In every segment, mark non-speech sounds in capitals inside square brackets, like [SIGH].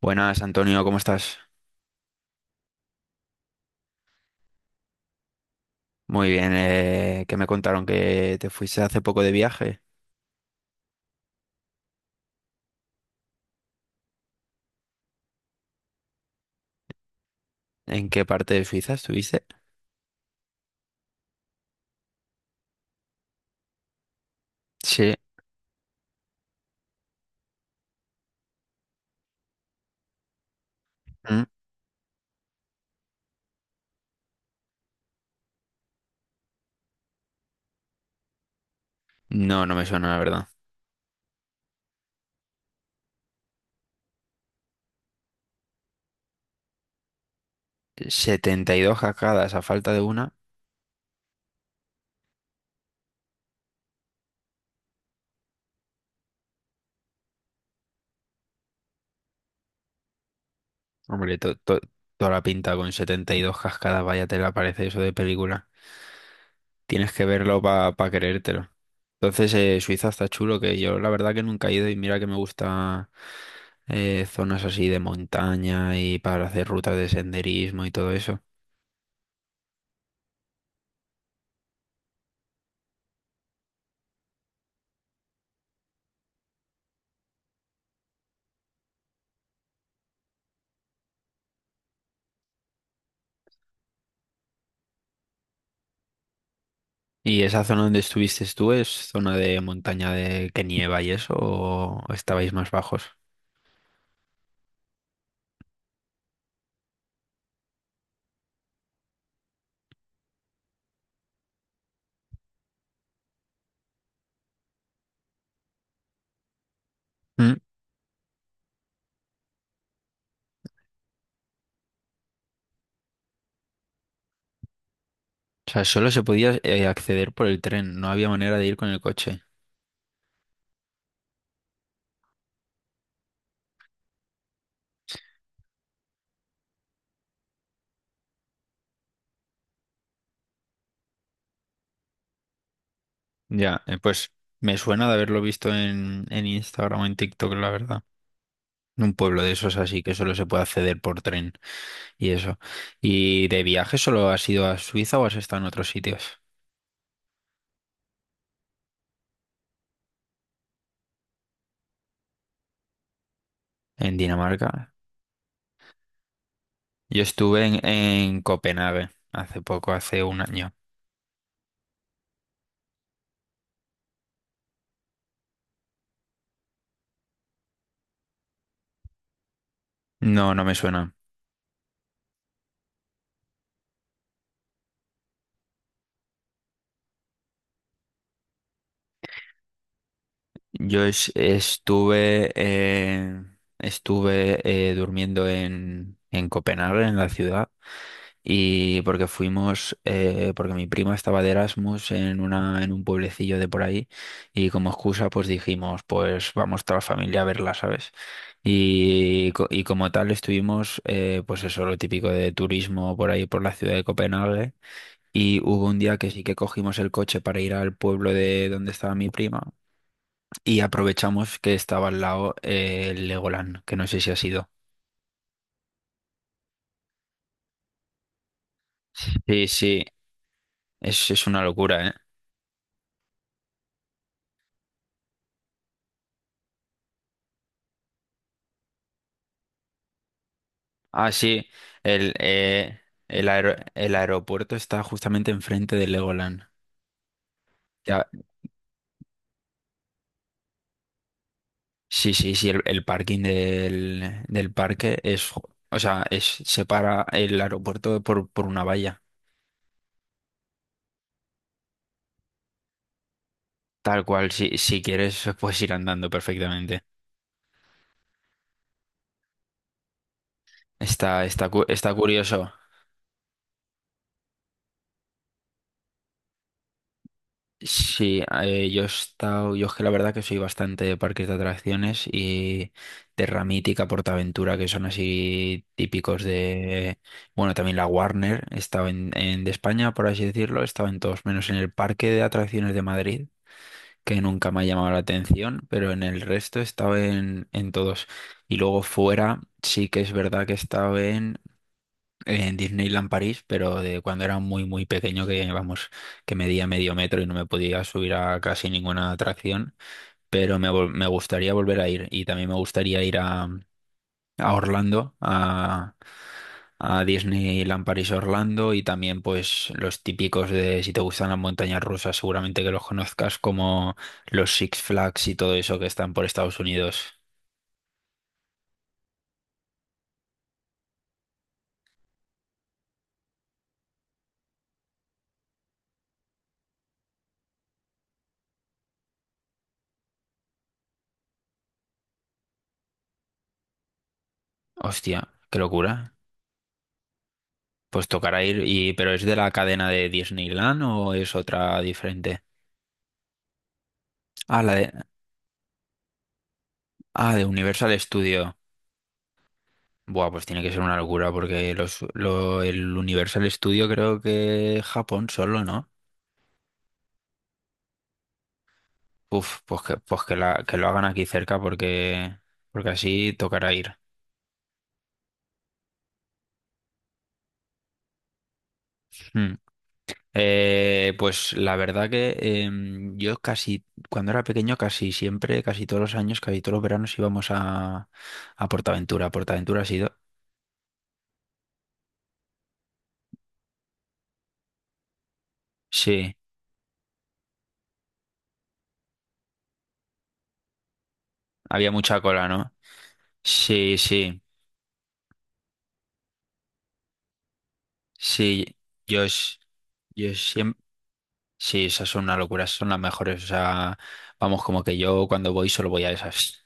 Buenas, Antonio, ¿cómo estás? Muy bien, que me contaron que te fuiste hace poco de viaje. ¿En qué parte de Suiza estuviste? Sí. Mm. No, no me suena, la verdad. 72 cascadas a falta de una. Hombre, toda la pinta con 72 cascadas, vaya te la parece eso de película. Tienes que verlo para creértelo. Entonces, Suiza está chulo, que yo la verdad que nunca he ido y mira que me gusta zonas así de montaña y para hacer rutas de senderismo y todo eso. ¿Y esa zona donde estuviste tú es zona de montaña de que nieva y eso o estabais más bajos? Mm. O sea, solo se podía acceder por el tren, no había manera de ir con el coche. Ya, pues me suena de haberlo visto en Instagram o en TikTok, la verdad. Un pueblo de esos así que solo se puede acceder por tren y eso. ¿Y de viaje solo has ido a Suiza o has estado en otros sitios? En Dinamarca. Yo estuve en Copenhague hace poco, hace un año. No, no me suena. Yo estuve durmiendo en Copenhague, en la ciudad, y porque fuimos, porque mi prima estaba de Erasmus en una, en un pueblecillo de por ahí, y como excusa, pues dijimos, pues vamos toda la familia a verla, ¿sabes? Y como tal estuvimos, pues eso, lo típico de turismo por ahí, por la ciudad de Copenhague. Y hubo un día que sí que cogimos el coche para ir al pueblo de donde estaba mi prima y aprovechamos que estaba al lado el Legoland, que no sé si ha sido. Sí, sí, es una locura, ¿eh? Ah, sí, el, eh, el aeropuerto está justamente enfrente del Legoland. Ya, sí, sí, sí, el parking del parque o sea, separa el aeropuerto por una valla. Tal cual, si quieres, [LAUGHS] puedes ir andando perfectamente. Está curioso. Sí, yo he estado, yo es que la verdad que soy bastante de parques de atracciones y de Ramítica, Portaventura, que son así típicos de, bueno, también la Warner, estaba de España, por así decirlo, estaba en todos, menos en el Parque de Atracciones de Madrid, que nunca me ha llamado la atención, pero en el resto estaba en todos. Y luego fuera, sí que es verdad que estaba en Disneyland París, pero de cuando era muy, muy pequeño, que vamos, que medía medio metro y no me podía subir a casi ninguna atracción, pero me gustaría volver a ir y también me gustaría ir a Orlando, a Disneyland París Orlando y también pues los típicos de si te gustan las montañas rusas, seguramente que los conozcas como los Six Flags y todo eso que están por Estados Unidos. Hostia, qué locura. Pues tocará ir, y, pero ¿es de la cadena de Disneyland o es otra diferente? Ah, la de, de Universal Studio. Buah, pues tiene que ser una locura porque el Universal Studio creo que Japón solo, ¿no? Uf, pues que lo hagan aquí cerca porque así tocará ir. Mm. Pues la verdad que yo casi, cuando era pequeño, casi siempre, casi todos los años, casi todos los veranos íbamos a Portaventura. Portaventura ha sido... Sí. Había mucha cola, ¿no? Sí, sí, sí. Yo, s- yo siempre... Sí, esas son una locura, esas son las mejores. O sea, vamos, como que yo cuando voy solo voy a esas.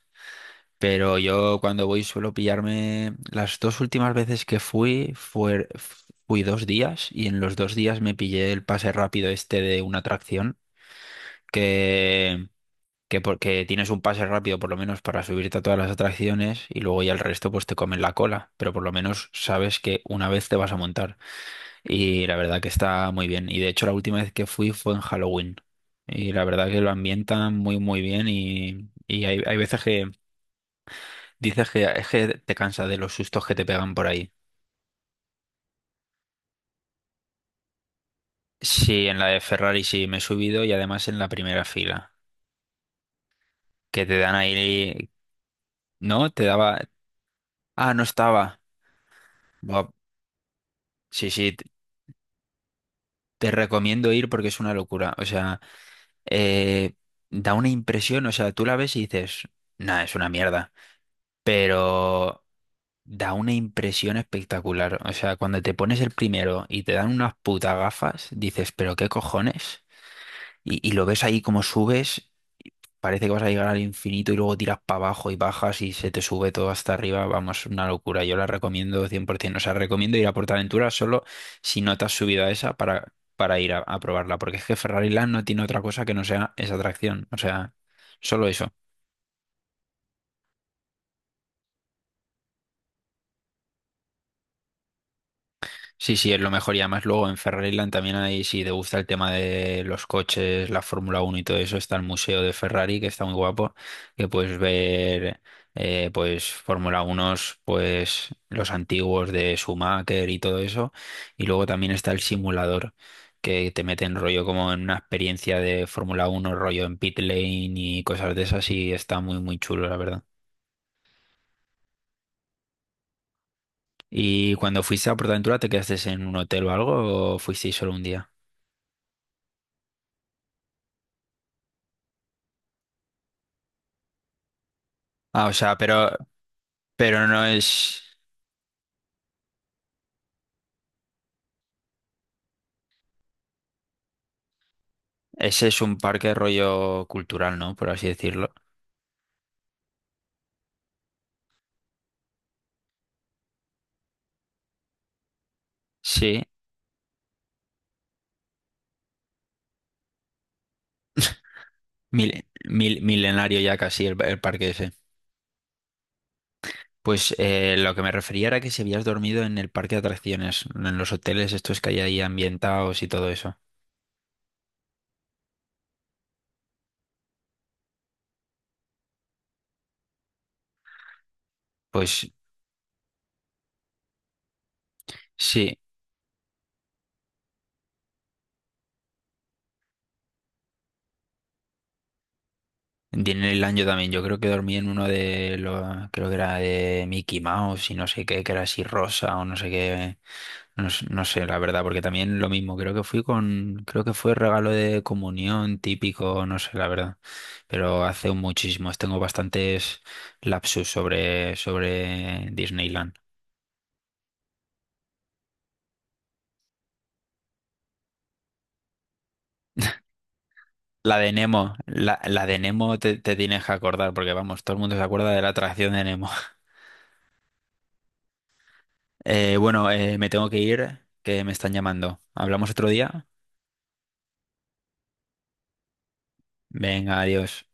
Pero yo cuando voy suelo pillarme... Las dos últimas veces que fui, fui 2 días y en los 2 días me pillé el pase rápido este de una atracción. que que porque tienes un pase rápido por lo menos para subirte a todas las atracciones y luego ya el resto pues te comen la cola, pero por lo menos sabes que una vez te vas a montar y la verdad que está muy bien y de hecho la última vez que fui fue en Halloween y la verdad que lo ambientan muy muy bien y hay, veces que dices que es que te cansa de los sustos que te pegan por ahí. Sí, en la de Ferrari sí me he subido y además en la primera fila que te dan ahí, ¿no? Te daba... Ah, no estaba. Buah, sí, sí, te recomiendo ir porque es una locura. O sea, eh, da una impresión, o sea, tú la ves y dices, nada, es una mierda. Pero da una impresión espectacular. O sea, cuando te pones el primero y te dan unas putas gafas, dices, pero qué cojones. Y lo ves ahí como subes. Parece que vas a llegar al infinito y luego tiras para abajo y bajas y se te sube todo hasta arriba. Vamos, una locura. Yo la recomiendo 100%. O sea, recomiendo ir a PortAventura solo si no te has subido a esa para ir a probarla. Porque es que Ferrari Land no tiene otra cosa que no sea esa atracción. O sea, solo eso. Sí, sí, es lo mejor. Y además luego en Ferrariland también hay, si te gusta el tema de los coches, la Fórmula 1 y todo eso, está el Museo de Ferrari, que está muy guapo, que puedes ver pues Fórmula 1, pues los antiguos de Schumacher y todo eso. Y luego también está el simulador, que te mete en rollo como en una experiencia de Fórmula 1, rollo en pit lane y cosas de esas, y está muy, muy chulo, la verdad. ¿Y cuando fuiste a PortAventura te quedaste en un hotel o algo o fuisteis solo un día? Ah, o sea, Pero, no es... Ese es un parque rollo cultural, ¿no? Por así decirlo. Sí, milenario ya casi el parque ese. Pues lo que me refería era que si habías dormido en el parque de atracciones, en los hoteles estos que hay ahí ambientados y todo eso. Pues sí. En el año también, yo creo que dormí en uno de los, creo que era de Mickey Mouse y no sé qué, que era así rosa o no sé qué, no, no sé, la verdad, porque también lo mismo, creo que fui con, creo que fue regalo de comunión típico, no sé, la verdad, pero hace muchísimos, tengo bastantes lapsus sobre Disneyland. La de Nemo, la de Nemo te tienes que acordar, porque vamos, todo el mundo se acuerda de la atracción de Nemo. [LAUGHS] Bueno, me tengo que ir, que me están llamando. ¿Hablamos otro día? Venga, adiós.